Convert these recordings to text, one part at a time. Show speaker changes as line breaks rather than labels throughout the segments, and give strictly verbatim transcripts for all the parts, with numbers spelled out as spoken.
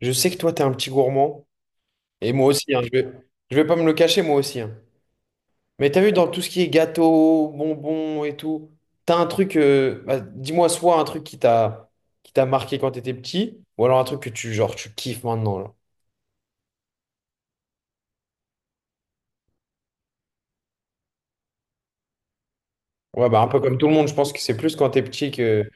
Je sais que toi, t'es un petit gourmand. Et moi aussi, hein, je vais, je vais pas me le cacher, moi aussi. hein. Mais t'as vu, dans tout ce qui est gâteau, bonbons et tout, t'as un truc, euh, bah, dis-moi soit un truc qui t'a qui t'a marqué quand t'étais petit, ou alors un truc que tu, genre, tu kiffes maintenant, là. Ouais, bah, un peu comme tout le monde, je pense que c'est plus quand t'es petit que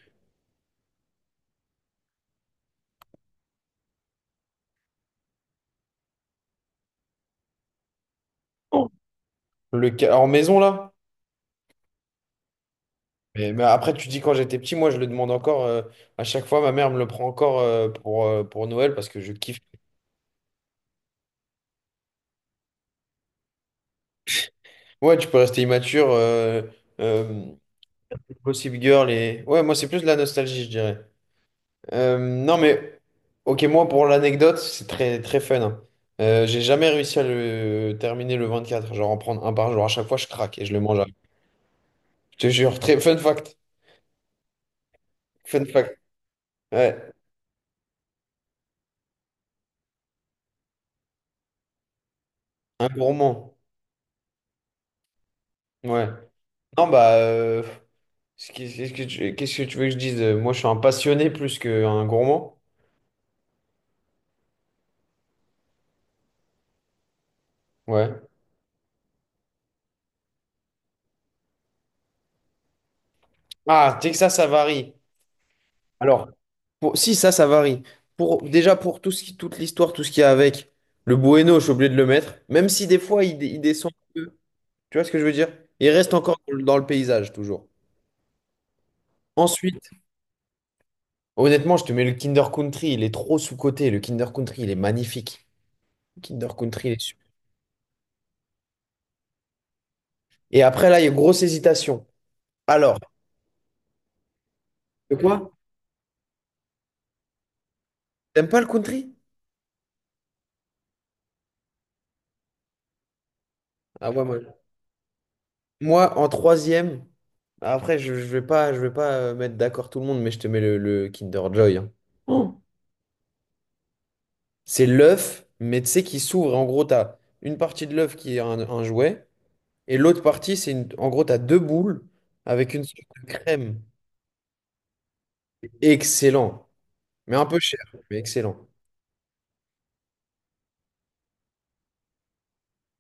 le ca- en maison, là. Mais, mais après, tu dis quand j'étais petit, moi, je le demande encore, euh, à chaque fois, ma mère me le prend encore, euh, pour, euh, pour Noël, parce que je kiffe. Ouais, tu peux rester immature. euh, euh, Gossip Girl et... Ouais, moi, c'est plus de la nostalgie, je dirais. Euh, non, mais... Ok, moi, pour l'anecdote, c'est très, très fun. hein. Euh, j'ai jamais réussi à le terminer le vingt-quatre, genre en prendre un par jour. À chaque fois, je craque et je le mange. après. Je te jure, très fun fact. Fun fact. Ouais, un gourmand. Ouais. Non, bah... euh, ce qui- Qu'est-ce que tu... qu'est-ce que tu veux que je dise? Moi, je suis un passionné plus qu'un gourmand. Ouais. Ah, Texas, ça varie. Alors, Pour- si, ça, ça varie. Pour, déjà, pour tout ce qui, toute l'histoire, tout ce qu'il y a avec, le Bueno, je suis obligé de le mettre. Même si des fois, il, dé- il descend un peu. Tu vois ce que je veux dire? Il reste encore dans le dans le paysage, toujours. Ensuite, honnêtement, je te mets le Kinder Country. Il est trop sous-coté. Le Kinder Country, il est magnifique. Le Kinder Country, il est super. Et après, là, il y a une grosse hésitation. Alors, de quoi? T'aimes pas le country? Ah ouais, moi. Moi, en troisième, après, je, je vais pas, je vais pas euh, mettre d'accord tout le monde, mais je te mets le, le Kinder Joy. hein. Oh. C'est l'œuf, mais tu sais, qui s'ouvre. En gros, tu as une partie de l'œuf qui est un, un jouet, et l'autre partie, c'est une... en gros, tu as deux boules avec une sorte de crème. Excellent, mais un peu cher, mais excellent.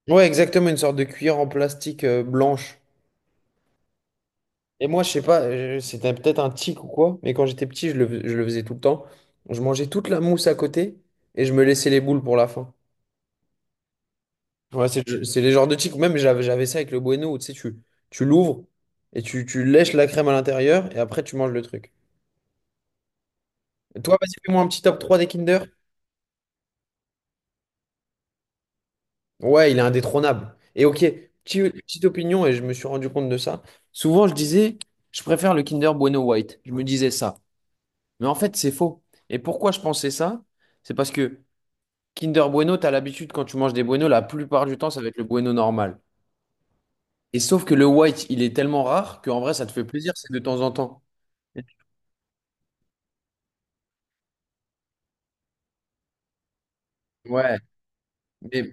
Ouais, exactement, une sorte de cuillère en plastique euh, blanche. Et moi, je sais pas, euh, c'était peut-être un tic ou quoi, mais quand j'étais petit, je le, je le faisais tout le temps. Je mangeais toute la mousse à côté et je me laissais les boules pour la fin. Ouais, c'est le- c'est les genres de chics. Même j'avais j'avais ça avec le Bueno, où, tu sais, tu, tu l'ouvres et tu, tu lèches la crème à l'intérieur et après tu manges le truc. Et toi, vas-y, fais-moi un petit top trois des Kinder. Ouais, il est indétrônable. Et ok, petit- petite opinion, et je me suis rendu compte de ça. Souvent, je disais, je préfère le Kinder Bueno White. Je me disais ça. Mais en fait, c'est faux. Et pourquoi je pensais ça? C'est parce que Kinder Bueno, t'as l'habitude quand tu manges des Bueno, la plupart du temps, ça va être le Bueno normal. Et sauf que le White, il est tellement rare qu'en vrai, ça te fait plaisir, c'est de temps en temps. Ouais, Mais,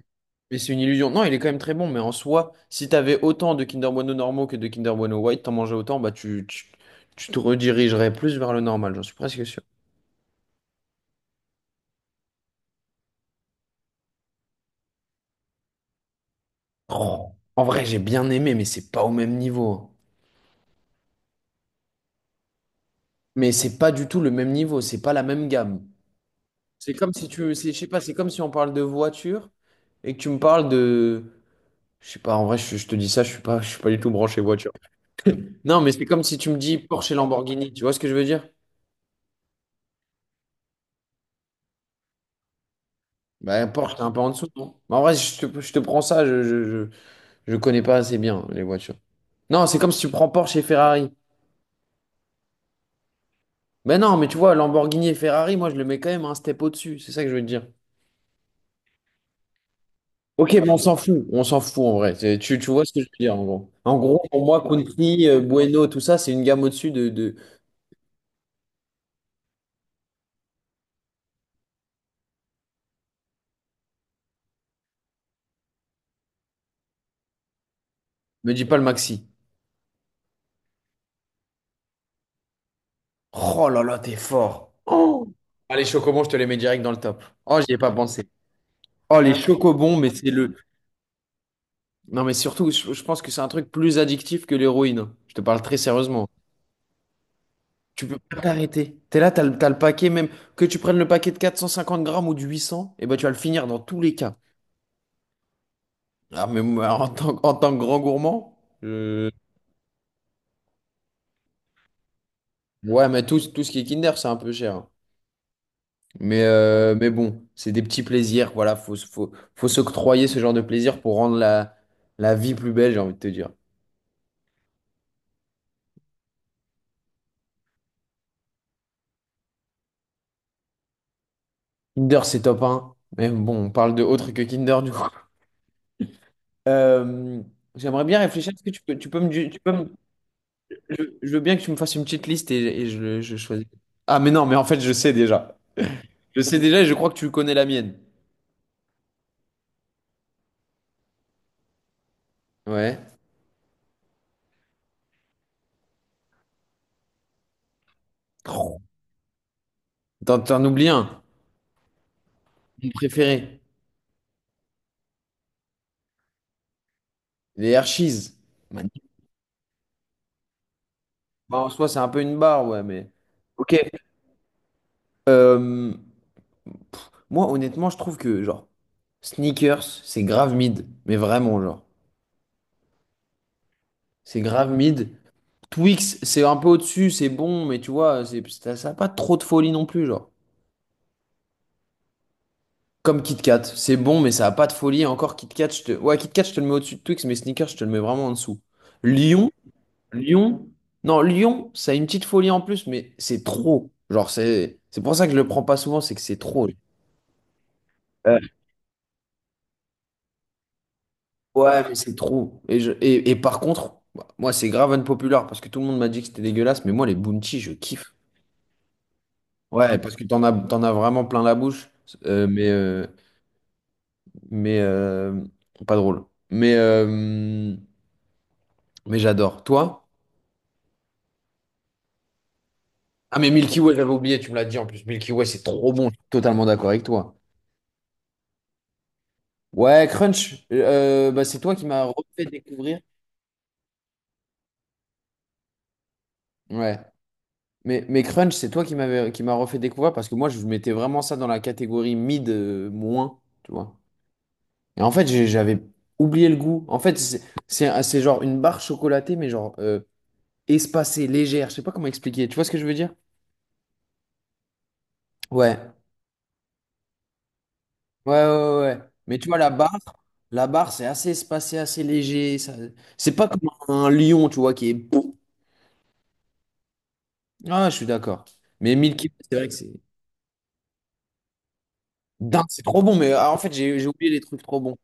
mais c'est une illusion. Non, il est quand même très bon, mais en soi, si t'avais autant de Kinder Bueno normaux que de Kinder Bueno White, t'en mangeais autant, bah tu, tu, tu te redirigerais plus vers le normal, j'en suis presque sûr. Oh, en vrai, j'ai bien aimé, mais c'est pas au même niveau. hein. Mais c'est pas du tout le même niveau, c'est pas la même gamme. C'est comme si tu, c'est, je sais pas, c'est comme si on parle de voiture et que tu me parles de, je sais pas, en vrai, je, je te dis ça, je suis pas, je suis pas du tout branché voiture. Non, mais c'est comme si tu me dis Porsche et Lamborghini, tu vois ce que je veux dire? Bah, Porsche, t'es un peu en dessous, non? Mais en vrai, je te, je te prends ça, je, je, je, je connais pas assez bien les voitures. Non, c'est comme si tu prends Porsche et Ferrari. Ben non, mais tu vois, Lamborghini et Ferrari, moi, je le mets quand même un step au-dessus, c'est ça que je veux te dire. Ok, mais on s'en fout, on s'en fout en vrai. C'est- Tu, tu vois ce que je veux dire, en gros. En gros, pour moi, Country, euh, Bueno, tout ça, c'est une gamme au-dessus de, de... Me dis pas le Maxi. Oh là là, t'es fort. Ah, les chocobons, je te les mets direct dans le top. Oh, j'y ai pas pensé. Oh, les chocobons, mais c'est le, Non, mais surtout, je, je pense que c'est un truc plus addictif que l'héroïne. Je te parle très sérieusement. Tu peux pas t'arrêter. T'es là, t'as le, t'as le paquet, même que tu prennes le paquet de quatre cent cinquante grammes ou du huit cents, et ben tu vas le finir dans tous les cas. Ah, mais moi, en tant, en tant que grand gourmand, euh, ouais, mais tout, tout ce qui est Kinder, c'est un peu cher. hein. Mais, euh, mais bon, c'est des petits plaisirs. Voilà, faut, se- faut, faut s'octroyer ce genre de plaisir pour rendre la, la vie plus belle, j'ai envie de te dire. Kinder, c'est top un. Mais bon, on parle de autre que Kinder, du coup. Euh, j'aimerais bien réfléchir. Est-ce que tu peux, tu peux me, du- tu peux me- je, je veux bien que tu me fasses une petite liste et, et je, je choisis. Ah, mais non, mais en fait, je sais déjà. Je sais déjà et je crois que tu connais la mienne. Ouais. Oh, T'en t'en oublies un, mon préféré. Les Hershey's. Magnifique. Bah, en soi, c'est un peu une barre, ouais, mais. Ok. Euh, moi, honnêtement, je trouve que, genre, Sneakers, c'est grave mid. Mais vraiment, genre. C'est grave mid. Twix, c'est un peu au-dessus, c'est bon, mais tu vois, c'est, ça n'a pas trop de folie non plus, genre. Comme Kit Kat, c'est bon, mais ça a pas de folie. Encore Kit Kat, je te... Ouais, Kit Kat, je te le mets au-dessus de Twix, mais Snickers, je te le mets vraiment en dessous. Lion, Lion, non, Lion, ça a une petite folie en plus, mais c'est trop. Genre, c'est c'est pour ça que je le prends pas souvent, c'est que c'est trop. Euh, Ouais, mais c'est trop. Et, je... et, et par contre, bah, moi, c'est grave unpopular parce que tout le monde m'a dit que c'était dégueulasse, mais moi, les Bounty, je kiffe. Ouais, parce que t'en as, t'en as vraiment plein la bouche, euh, mais, euh, mais euh, pas drôle. Mais, euh, mais j'adore. Toi? Ah mais Milky Way, j'avais oublié, tu me l'as dit en plus. Milky Way, c'est trop bon, je suis totalement d'accord avec toi. Ouais, Crunch, euh, bah, c'est toi qui m'as refait découvrir. Ouais. Mais, mais Crunch, c'est toi qui m'avais qui m'a refait découvrir parce que moi, je mettais vraiment ça dans la catégorie mid euh, moins, tu vois. Et en fait, j'ai- j'avais oublié le goût. En fait, c'est c'est c'est genre une barre chocolatée, mais genre euh, espacée, légère. Je sais pas comment expliquer. Tu vois ce que je veux dire? Ouais. Ouais, ouais, ouais. ouais. Mais tu vois, la barre, la barre, c'est assez espacé, assez léger. ça- C'est pas comme un lion, tu vois, qui est. Ah, je suis d'accord. Mais mille kilos, c'est vrai que c'est. Dingue, c'est trop bon. Mais ah, en fait, j'ai j'ai oublié les trucs trop bons.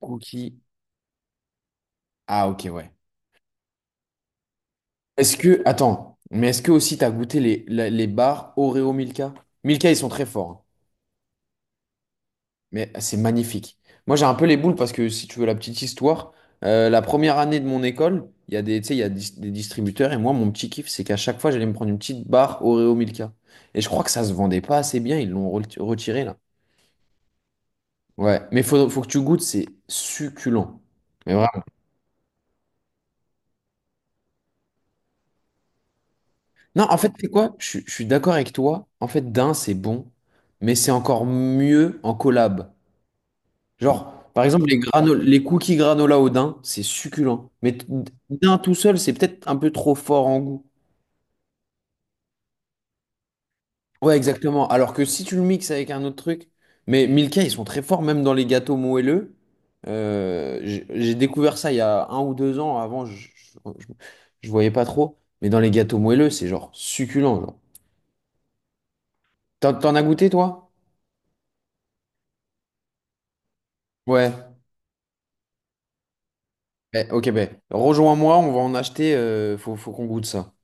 Cookies. Ah, ok, ouais. Est-ce que. Attends. Mais est-ce que aussi, t'as goûté les, la- les, barres Oreo Milka? Milka, ils sont très forts. hein. Mais c'est magnifique. Moi, j'ai un peu les boules parce que si tu veux la petite histoire, euh, la première année de mon école, il y a des, tu sais, il y a dis- des distributeurs et moi, mon petit kiff, c'est qu'à chaque fois, j'allais me prendre une petite barre Oreo Milka. Et je crois que ça se vendait pas assez bien, ils l'ont re- retiré là. Ouais, mais faut, faut que tu goûtes, c'est succulent. Mais vraiment. Non, en fait, c'est quoi? Je, suis je suis d'accord avec toi. En fait, d'un, c'est bon, mais c'est encore mieux en collab. Genre, par exemple, les, grano- les cookies granola au daim, c'est succulent. Mais t- daim tout seul, c'est peut-être un peu trop fort en goût. Ouais, exactement. Alors que si tu le mixes avec un autre truc, mais Milka, ils sont très forts, même dans les gâteaux moelleux. Euh, j'ai j'ai découvert ça il y a un ou deux ans. Avant, je, je, je- je voyais pas trop. Mais dans les gâteaux moelleux, c'est genre succulent. Genre. T'en, t'en as goûté, toi? Ouais. Eh, ok, ben, rejoins-moi, on va en acheter. euh, faut, faut qu'on goûte ça.